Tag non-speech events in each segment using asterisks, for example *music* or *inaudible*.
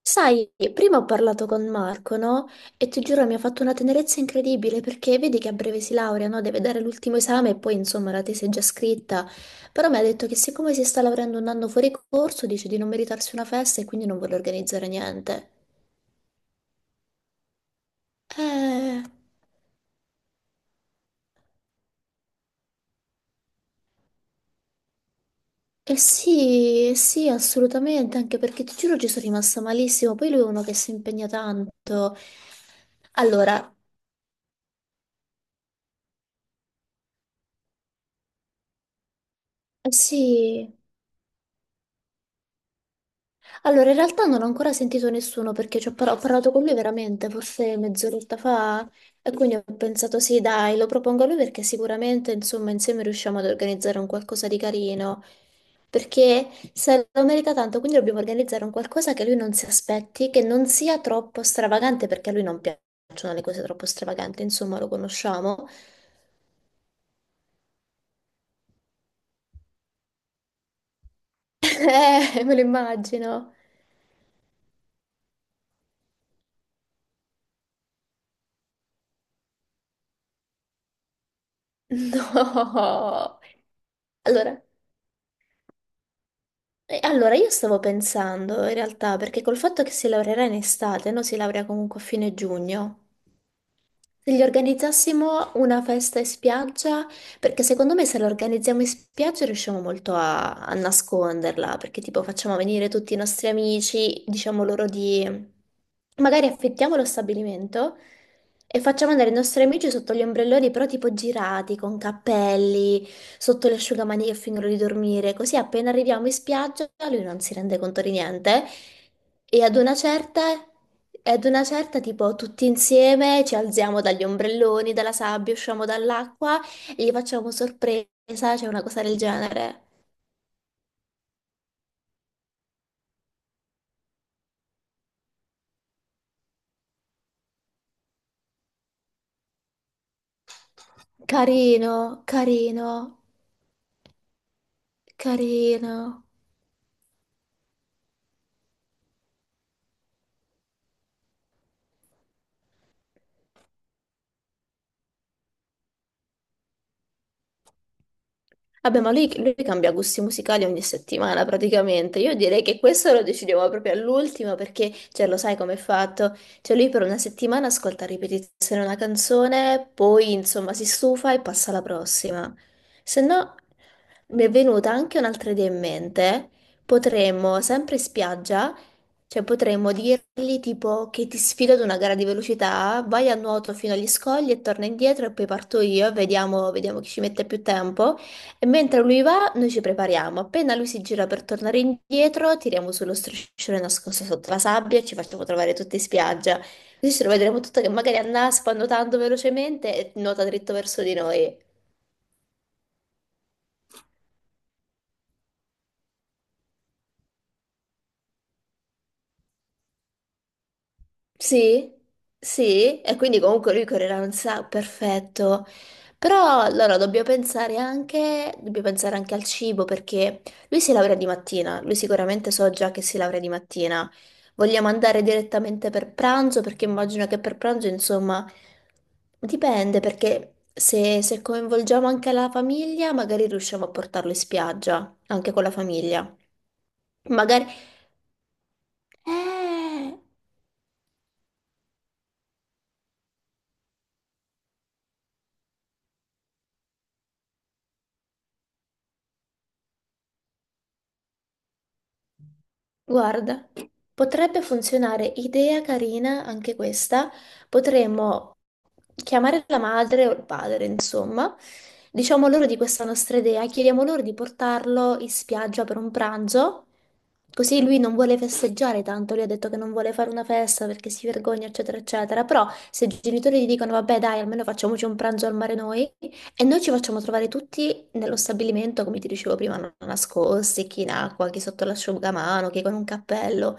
Sai, prima ho parlato con Marco, no? E ti giuro mi ha fatto una tenerezza incredibile perché vedi che a breve si laurea, no? Deve dare l'ultimo esame e poi insomma la tesi è già scritta. Però mi ha detto che siccome si sta laureando un anno fuori corso, dice di non meritarsi una festa e quindi non vuole organizzare niente. Eh, sì, eh sì, assolutamente, anche perché ti giuro ci sono rimasta malissimo. Poi lui è uno che si impegna tanto. Allora, eh sì. Allora, in realtà non ho ancora sentito nessuno perché ho parlato con lui veramente, forse mezz'oretta fa, e quindi ho pensato sì, dai, lo propongo a lui perché sicuramente, insomma, insieme riusciamo ad organizzare un qualcosa di carino, perché se lo merita tanto, quindi dobbiamo organizzare un qualcosa che lui non si aspetti, che non sia troppo stravagante, perché a lui non piacciono le cose troppo stravaganti, insomma, lo conosciamo. *laughs* Me lo immagino. *laughs* No. Allora. Allora, io stavo pensando in realtà, perché col fatto che si laureerà in estate, no? Si laurea comunque a fine giugno. Se gli organizzassimo una festa in spiaggia perché secondo me se la organizziamo in spiaggia riusciamo molto a nasconderla, perché tipo facciamo venire tutti i nostri amici, diciamo loro di... Magari affittiamo lo stabilimento e facciamo andare i nostri amici sotto gli ombrelloni, però tipo girati, con cappelli, sotto le asciugamani che fingono di dormire, così appena arriviamo in spiaggia lui non si rende conto di niente e ad una certa... E ad una certa, tipo, tutti insieme ci alziamo dagli ombrelloni, dalla sabbia, usciamo dall'acqua gli facciamo sorpresa, c'è una cosa del genere. Carino, carino, carino. Vabbè, ma lui cambia gusti musicali ogni settimana praticamente. Io direi che questo lo decidiamo proprio all'ultimo perché, cioè, lo sai come è fatto? Cioè, lui per una settimana ascolta a ripetizione una canzone, poi insomma si stufa e passa alla prossima. Se no, mi è venuta anche un'altra idea in mente. Potremmo, sempre in spiaggia, cioè potremmo dirgli tipo che ti sfido ad una gara di velocità, vai a nuoto fino agli scogli e torna indietro e poi parto io e vediamo chi ci mette più tempo. E mentre lui va, noi ci prepariamo. Appena lui si gira per tornare indietro, tiriamo sullo striscione nascosto sotto la sabbia e ci facciamo trovare tutti in spiaggia. Così ce lo vedremo tutto che magari annaspa nuotando velocemente e nuota dritto verso di noi. Sì, sì, e quindi comunque lui correrà un sacco, perfetto. Però allora dobbiamo pensare anche al cibo perché lui si laurea di mattina, lui sicuramente so già che si laurea di mattina. Vogliamo andare direttamente per pranzo perché immagino che per pranzo, insomma, dipende perché se coinvolgiamo anche la famiglia magari riusciamo a portarlo in spiaggia, anche con la famiglia. Magari... Eh! Guarda, potrebbe funzionare, idea carina anche questa. Potremmo chiamare la madre o il padre, insomma. Diciamo loro di questa nostra idea, chiediamo loro di portarlo in spiaggia per un pranzo, così lui non vuole festeggiare tanto, lui ha detto che non vuole fare una festa perché si vergogna, eccetera, eccetera. Però se i genitori gli dicono, vabbè, dai, almeno facciamoci un pranzo al mare noi, e noi ci facciamo trovare tutti nello stabilimento, come ti dicevo prima, nascosti, chi in acqua, chi sotto l'asciugamano, chi con un cappello.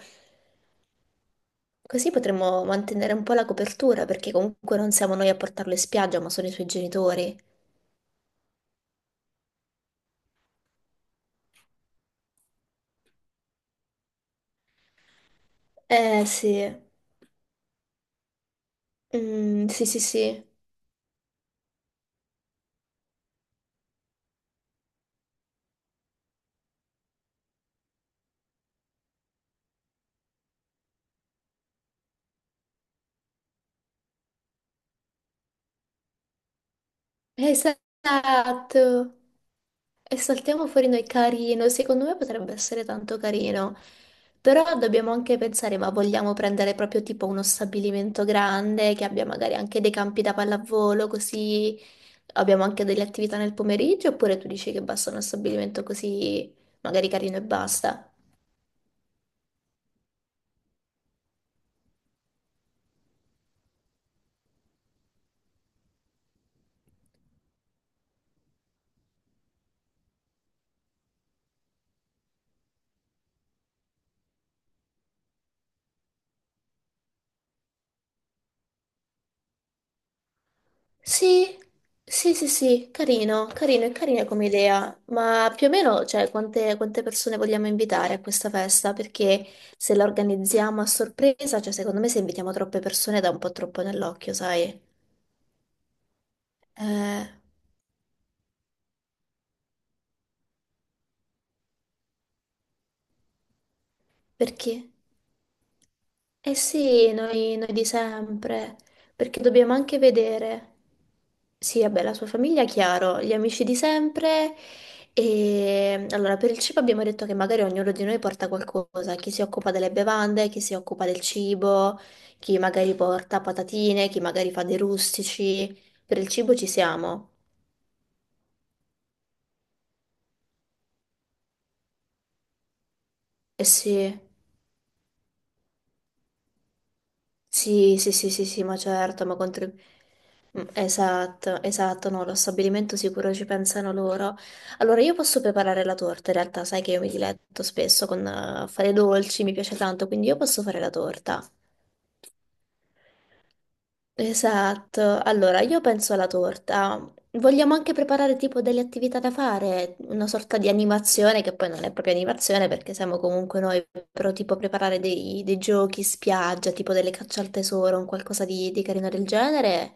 Così potremmo mantenere un po' la copertura, perché comunque non siamo noi a portarlo in spiaggia, ma sono i suoi genitori. Eh sì. Mm, sì sì sì, esatto. E saltiamo fuori noi carino, secondo me potrebbe essere tanto carino. Però dobbiamo anche pensare, ma vogliamo prendere proprio tipo uno stabilimento grande che abbia magari anche dei campi da pallavolo, così abbiamo anche delle attività nel pomeriggio, oppure tu dici che basta uno stabilimento così magari carino e basta? Sì, sì, sì, sì, carino, carino, è carina come idea, ma più o meno, cioè, quante persone vogliamo invitare a questa festa? Perché se la organizziamo a sorpresa, cioè, secondo me se invitiamo troppe persone dà un po' troppo nell'occhio, sai? Eh, perché? Eh sì, noi di sempre, perché dobbiamo anche vedere, sì, vabbè, la sua famiglia, chiaro, gli amici di sempre, e allora per il cibo abbiamo detto che magari ognuno di noi porta qualcosa, chi si occupa delle bevande, chi si occupa del cibo, chi magari porta patatine, chi magari fa dei rustici, per il cibo ci siamo, eh sì. Sì, sì, sì, sì, sì, ma certo. Mm, esatto, esatto, no, lo stabilimento sicuro ci pensano loro. Allora, io posso preparare la torta, in realtà, sai che io mi diletto spesso con fare dolci, mi piace tanto, quindi io posso fare la torta. Esatto, allora io penso alla torta. Vogliamo anche preparare tipo delle attività da fare, una sorta di animazione che poi non è proprio animazione perché siamo comunque noi, però tipo preparare dei giochi spiaggia, tipo delle caccia al tesoro, un qualcosa di carino del genere.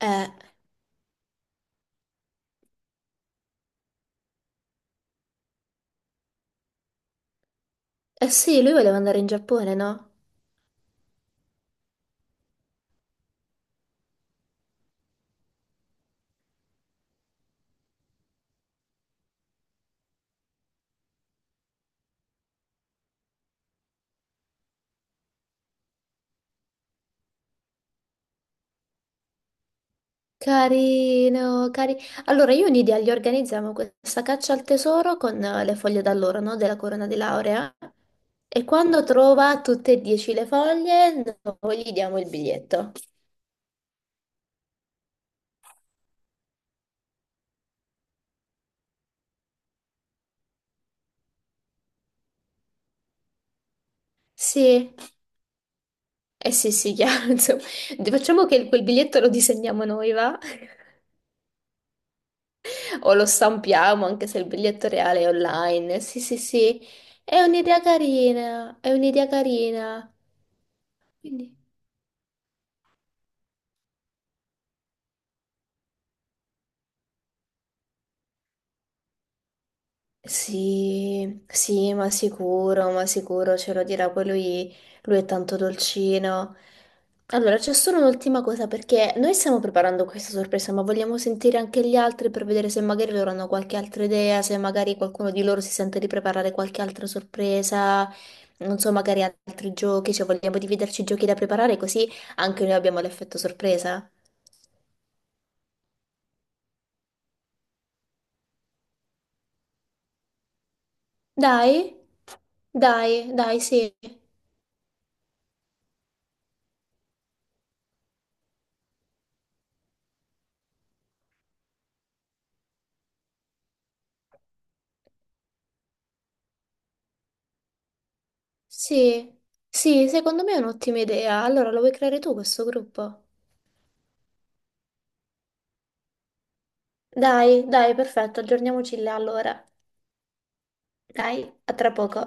Eh, eh sì, lui voleva andare in Giappone, no? Carino, carino. Allora, io in idea gli organizziamo questa caccia al tesoro con le foglie d'alloro, no? Della corona di laurea. E quando trova tutte e 10 le foglie, noi gli diamo il biglietto. Sì, eh sì, sì, chiaro, *laughs* insomma. Facciamo che quel biglietto lo disegniamo noi, va? *laughs* O lo stampiamo, anche se il biglietto reale è online. Sì, sì, sì. È un'idea carina, è un'idea carina. Quindi... Sì, sì, ma sicuro ce lo dirà, poi lui, è tanto dolcino. Allora, c'è solo un'ultima cosa, perché noi stiamo preparando questa sorpresa, ma vogliamo sentire anche gli altri per vedere se magari loro hanno qualche altra idea, se magari qualcuno di loro si sente di preparare qualche altra sorpresa, non so, magari altri giochi, cioè vogliamo dividerci i giochi da preparare così anche noi abbiamo l'effetto sorpresa. Dai, dai, dai, sì. Sì, sì, secondo me è un'ottima idea. Allora, lo vuoi creare tu questo gruppo? Dai, dai, perfetto, aggiorniamoci là allora. Dai, a tra poco.